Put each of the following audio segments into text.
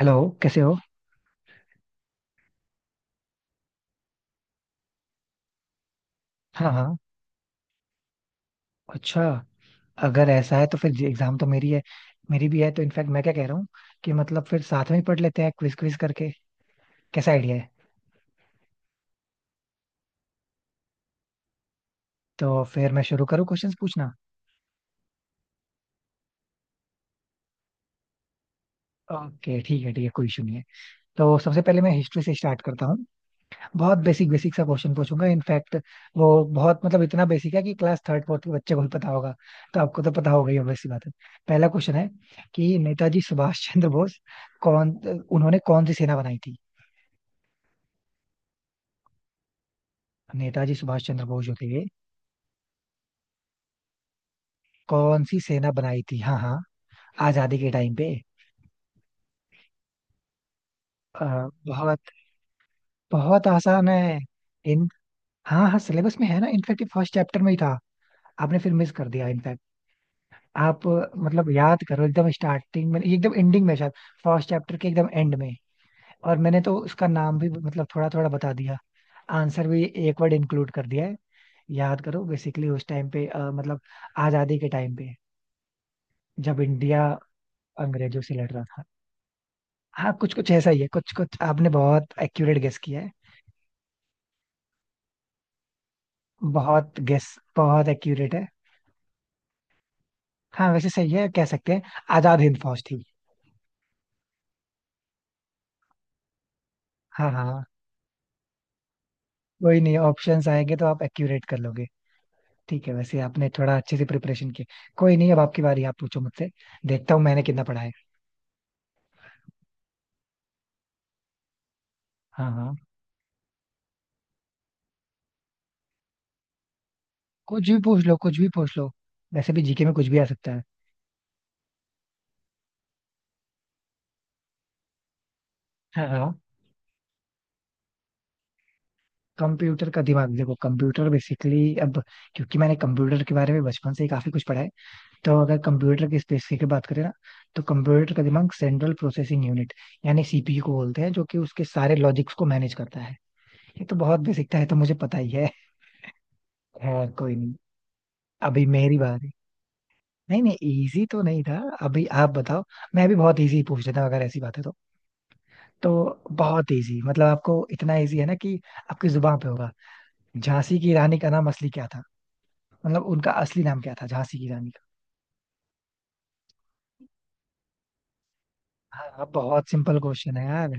Hello. कैसे हो? हाँ हाँ, अच्छा। अगर ऐसा है तो फिर एग्जाम तो मेरी है, मेरी भी है, तो इनफैक्ट मैं क्या कह रहा हूँ कि मतलब फिर साथ में ही पढ़ लेते हैं क्विज क्विज करके, कैसा आइडिया है? तो फिर मैं शुरू करूँ क्वेश्चंस पूछना? ओके ठीक है ठीक है, कोई इशू नहीं है। तो सबसे पहले मैं हिस्ट्री से स्टार्ट करता हूँ। बहुत बेसिक बेसिक सा क्वेश्चन पूछूंगा इनफैक्ट। वो बहुत मतलब इतना बेसिक है कि क्लास थर्ड फोर्थ के बच्चे को भी पता होगा, तो आपको तो पता होगा ही, obvious सी बात है। पहला क्वेश्चन है कि नेताजी सुभाष चंद्र बोस, कौन, उन्होंने कौन सी सेना बनाई थी? नेताजी सुभाष चंद्र बोस जो थे, कौन सी सेना बनाई थी, हाँ हाँ, आजादी के टाइम पे। अ, बहुत, बहुत आसान है। इन हाँ हाँ, सिलेबस में है ना, इनफैक्ट फर्स्ट चैप्टर में ही था। आपने फिर मिस कर दिया इनफैक्ट। आप मतलब याद करो, एकदम स्टार्टिंग में, एकदम एंडिंग में शायद। फर्स्ट चैप्टर के एकदम एंड में। और मैंने तो उसका नाम भी मतलब थोड़ा थोड़ा बता दिया। आंसर भी एक वर्ड इंक्लूड कर दिया है। याद करो बेसिकली उस टाइम पे मतलब आजादी के टाइम पे जब इंडिया अंग्रेजों से लड़ रहा था। हाँ, कुछ कुछ ऐसा ही है, कुछ कुछ। आपने बहुत एक्यूरेट गेस किया है। बहुत गेस, बहुत एक्यूरेट है। हाँ, वैसे सही है, कह सकते हैं। आजाद हिंद फौज थी। हाँ हाँ हाँ, कोई नहीं, ऑप्शंस आएंगे तो आप एक्यूरेट कर लोगे। ठीक है, वैसे आपने थोड़ा अच्छे से प्रिपरेशन की। कोई नहीं, अब आपकी बारी, आप पूछो मुझसे। देखता हूँ मैंने कितना पढ़ा है। हाँ हाँ, कुछ भी पूछ लो, कुछ भी पूछ लो, वैसे भी जीके में कुछ भी आ सकता है। हाँ हाँ। कंप्यूटर का दिमाग, देखो कंप्यूटर बेसिकली, अब क्योंकि मैंने कंप्यूटर के बारे में बचपन से ही काफी कुछ पढ़ा है, तो अगर कंप्यूटर के स्पेसिफिक की बात करें ना, तो कंप्यूटर का दिमाग सेंट्रल प्रोसेसिंग यूनिट यानी सीपीयू को बोलते हैं, जो कि उसके सारे लॉजिक्स को मैनेज करता है। ये तो बहुत बेसिक था, ये तो मुझे पता ही है। खैर कोई नहीं। अभी मेरी बारी। नहीं नहीं, इजी तो नहीं था। अभी आप बताओ। मैं भी बहुत इजी पूछ लेता हूँ अगर ऐसी बात है तो। तो बहुत इजी, मतलब आपको इतना इजी है ना कि आपकी जुबान पे होगा। झांसी की रानी का नाम असली क्या था, मतलब उनका असली नाम क्या था, झांसी की रानी का? हाँ, बहुत सिंपल क्वेश्चन है यार।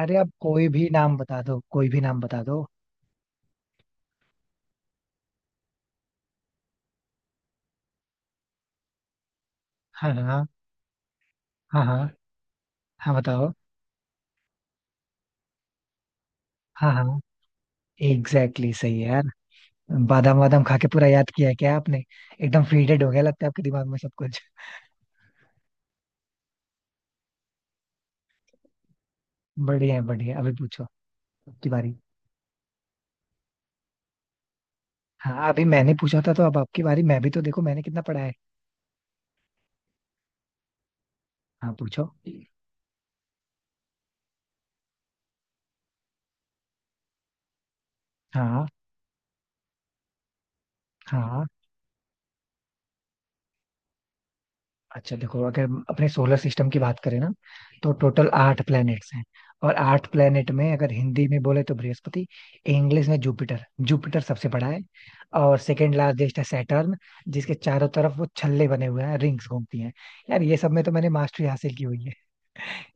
अरे आप कोई भी नाम बता दो, कोई भी नाम बता दो। हाँ हाँ, हाँ हाँ। हाँ बताओ। हाँ हाँ, एग्जैक्टली, exactly सही है यार। बादाम वादाम खा के पूरा याद किया है क्या आपने? एकदम फीडेड हो गया लगता है आपके दिमाग में सब कुछ। बढ़िया है, बढ़िया है। अभी पूछो, आपकी बारी। हाँ, अभी मैंने पूछा था तो अब आपकी बारी। मैं भी तो देखो मैंने कितना पढ़ा है। हाँ पूछो। हाँ हाँ। अच्छा देखो, अगर अपने सोलर सिस्टम की बात करें ना, तो टोटल 8 प्लैनेट्स हैं। और 8 प्लैनेट में, अगर हिंदी में बोले तो बृहस्पति, इंग्लिश में जुपिटर, जुपिटर सबसे बड़ा है। और सेकंड लार्जेस्ट है सैटर्न, जिसके चारों तरफ वो छल्ले बने हुए हैं, रिंग्स घूमती हैं। यार ये सब में तो मैंने मास्टरी हासिल की हुई है,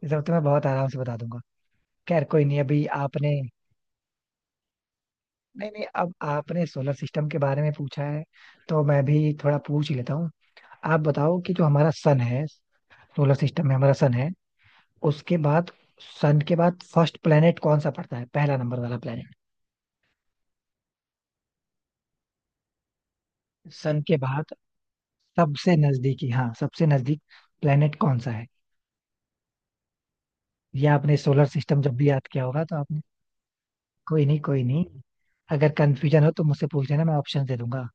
ये सब तो मैं बहुत आराम से बता दूंगा। खैर कोई नहीं। अभी आपने नहीं नहीं, अब आपने सोलर सिस्टम के बारे में पूछा है, तो मैं भी थोड़ा पूछ ही लेता हूँ। आप बताओ कि जो हमारा सन है, सोलर सिस्टम में हमारा सन है, उसके बाद, सन के बाद फर्स्ट प्लेनेट कौन सा पड़ता है, पहला नंबर वाला प्लेनेट? सन के बाद सबसे नजदीकी, हाँ सबसे नजदीक प्लेनेट कौन सा है? ये आपने सोलर सिस्टम जब भी याद किया होगा तो आपने, कोई नहीं कोई नहीं, अगर कंफ्यूजन हो तो मुझसे पूछ लेना, मैं ऑप्शन दे दूंगा।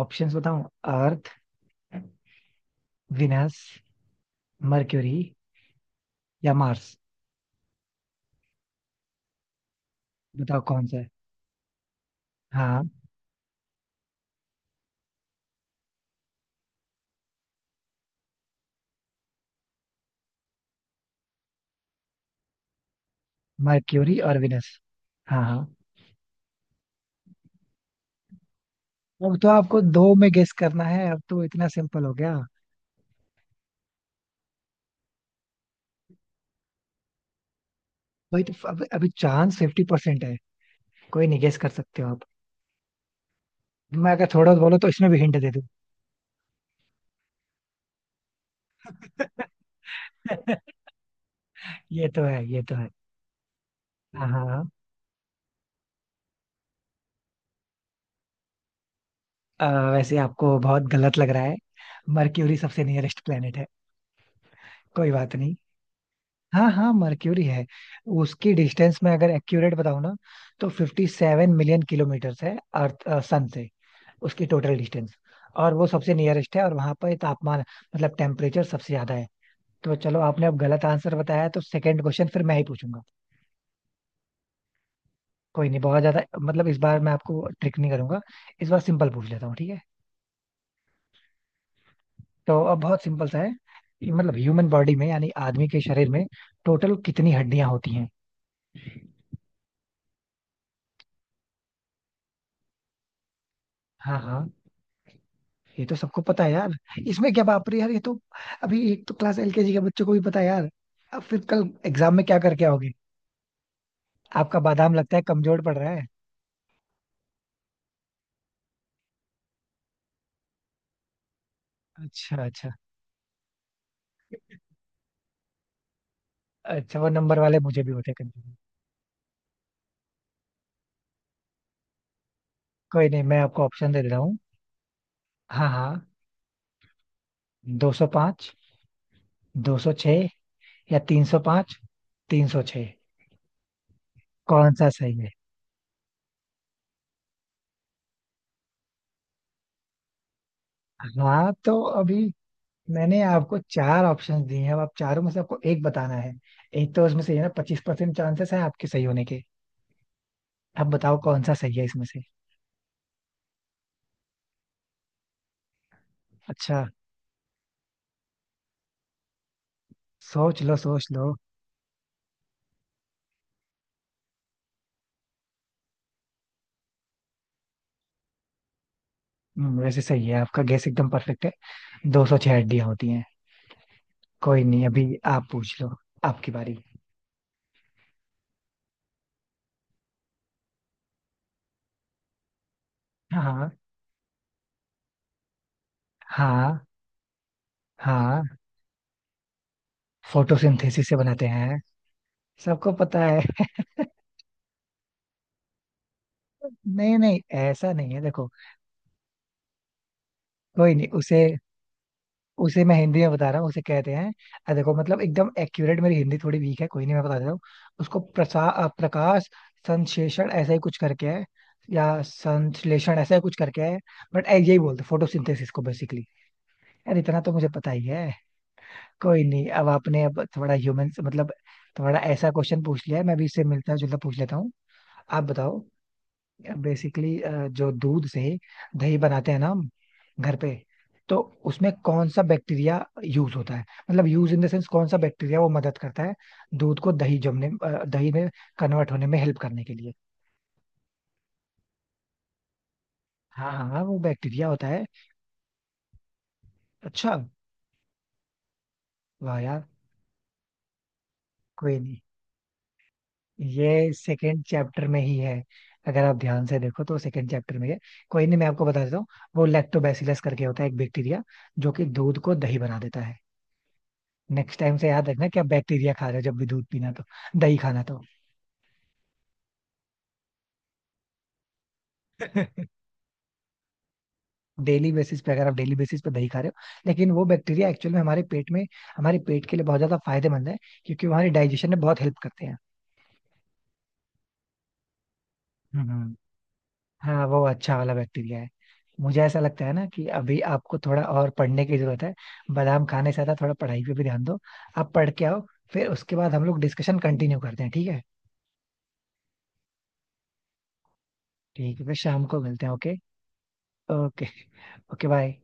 ऑप्शंस बताऊं? अर्थ, विनस, मर्क्यूरी या मार्स। बताओ कौन सा है? हाँ, मर्क्यूरी और विनस, हाँ हाँ। अब तो आपको दो में गेस करना है, अब तो इतना सिंपल हो गया। भाई तो अब अभी चांस 50% है। कोई नहीं, गेस कर सकते हो आप। मैं अगर थोड़ा बोलो तो इसमें भी हिंट दे दूं। ये तो है, ये तो है। हाँ हाँ हाँ। वैसे आपको बहुत गलत लग रहा है। मरक्यूरी सबसे नियरेस्ट प्लेनेट है। कोई बात नहीं। हाँ हाँ, मरक्यूरी है। उसकी डिस्टेंस में अगर एक्यूरेट बताऊं ना, तो 57 मिलियन किलोमीटर्स है अर्थ सन से, उसकी टोटल डिस्टेंस। और वो सबसे नियरेस्ट है, और वहां पर तापमान मतलब टेम्परेचर सबसे ज्यादा है। तो चलो, आपने अब गलत आंसर बताया, तो सेकंड क्वेश्चन फिर मैं ही पूछूंगा। कोई नहीं, बहुत ज्यादा मतलब इस बार मैं आपको ट्रिक नहीं करूंगा, इस बार सिंपल पूछ लेता हूँ, ठीक है? तो अब बहुत सिंपल सा है ये। मतलब ह्यूमन बॉडी में, यानी आदमी के शरीर में टोटल कितनी हड्डियां होती हैं? हाँ हाँ, ये तो सबको पता है यार। इसमें क्या बाप रे यार, ये तो, अभी एक तो क्लास एलकेजी के बच्चों को भी पता है यार। अब फिर कल एग्जाम में क्या करके आओगे? आपका बादाम लगता है कमजोर पड़ रहा है। अच्छा अच्छा। अच्छा वो नंबर वाले मुझे भी होते कंफ्यूज। कोई नहीं, मैं आपको ऑप्शन दे दे रहा हूँ। हाँ हाँ, 205, 206, या 305, 306, कौन सा सही है? हाँ तो अभी मैंने आपको चार ऑप्शंस दिए हैं, अब आप चारों में से आपको एक बताना है। एक तो उसमें से है ना, 25% चांसेस है आपके सही होने के। अब बताओ कौन सा सही है इसमें से? अच्छा, सोच लो सोच लो। वैसे सही है, आपका गेस एकदम परफेक्ट है। 206 हड्डियां होती हैं। कोई नहीं, अभी आप पूछ लो, आपकी बारी। हाँ हाँ। हाँ फोटोसिंथेसिस से बनाते हैं, सबको पता है। नहीं नहीं, ऐसा नहीं है देखो। कोई नहीं उसे, उसे मैं हिंदी में बता रहा हूँ, उसे कहते हैं, देखो मतलब एकदम एक्यूरेट, मेरी हिंदी थोड़ी वीक है, कोई नहीं मैं बता देता हूँ। उसको प्रकाश संश्लेषण ऐसा ही कुछ करके है, या संश्लेषण ऐसा ही कुछ करके है। बट यही बोलते फोटोसिंथेसिस को बेसिकली। यार इतना तो मुझे पता ही है। कोई नहीं, अब आपने अब थोड़ा ह्यूमन मतलब थोड़ा ऐसा क्वेश्चन पूछ लिया है, मैं भी इससे मिलता जुलता पूछ लेता हूँ। आप बताओ बेसिकली, जो दूध से दही बनाते हैं ना हम घर पे, तो उसमें कौन सा बैक्टीरिया यूज होता है? मतलब यूज इन द सेंस कौन सा बैक्टीरिया वो मदद करता है दूध को दही जमने, दही में कन्वर्ट होने में हेल्प करने के लिए। हाँ हाँ हाँ, वो बैक्टीरिया होता है। अच्छा, वाह यार। कोई नहीं, ये सेकेंड चैप्टर में ही है, अगर आप ध्यान से देखो तो सेकंड चैप्टर में है। कोई नहीं मैं आपको बता देता हूँ। वो लैक्टोबैसिलस करके होता है एक बैक्टीरिया, जो कि दूध को दही बना देता है। नेक्स्ट टाइम से याद रखना कि आप बैक्टीरिया खा रहे हो, जब भी दूध पीना तो, दही खाना तो। डेली बेसिस पे, अगर आप डेली बेसिस पे दही खा रहे हो, लेकिन वो बैक्टीरिया एक्चुअल में हमारे पेट में, हमारे पेट के लिए बहुत ज्यादा फायदेमंद है, क्योंकि वो हमारे डाइजेशन में बहुत हेल्प करते हैं। हम्म। हाँ, वो अच्छा वाला बैक्टीरिया है। मुझे ऐसा लगता है ना कि अभी आपको थोड़ा और पढ़ने की जरूरत है। बादाम खाने से ज्यादा थोड़ा पढ़ाई पे भी ध्यान दो। आप पढ़ के आओ, फिर उसके बाद हम लोग डिस्कशन कंटिन्यू करते हैं, ठीक है? ठीक है, फिर शाम को मिलते हैं, ओके? ओके। Okay bye.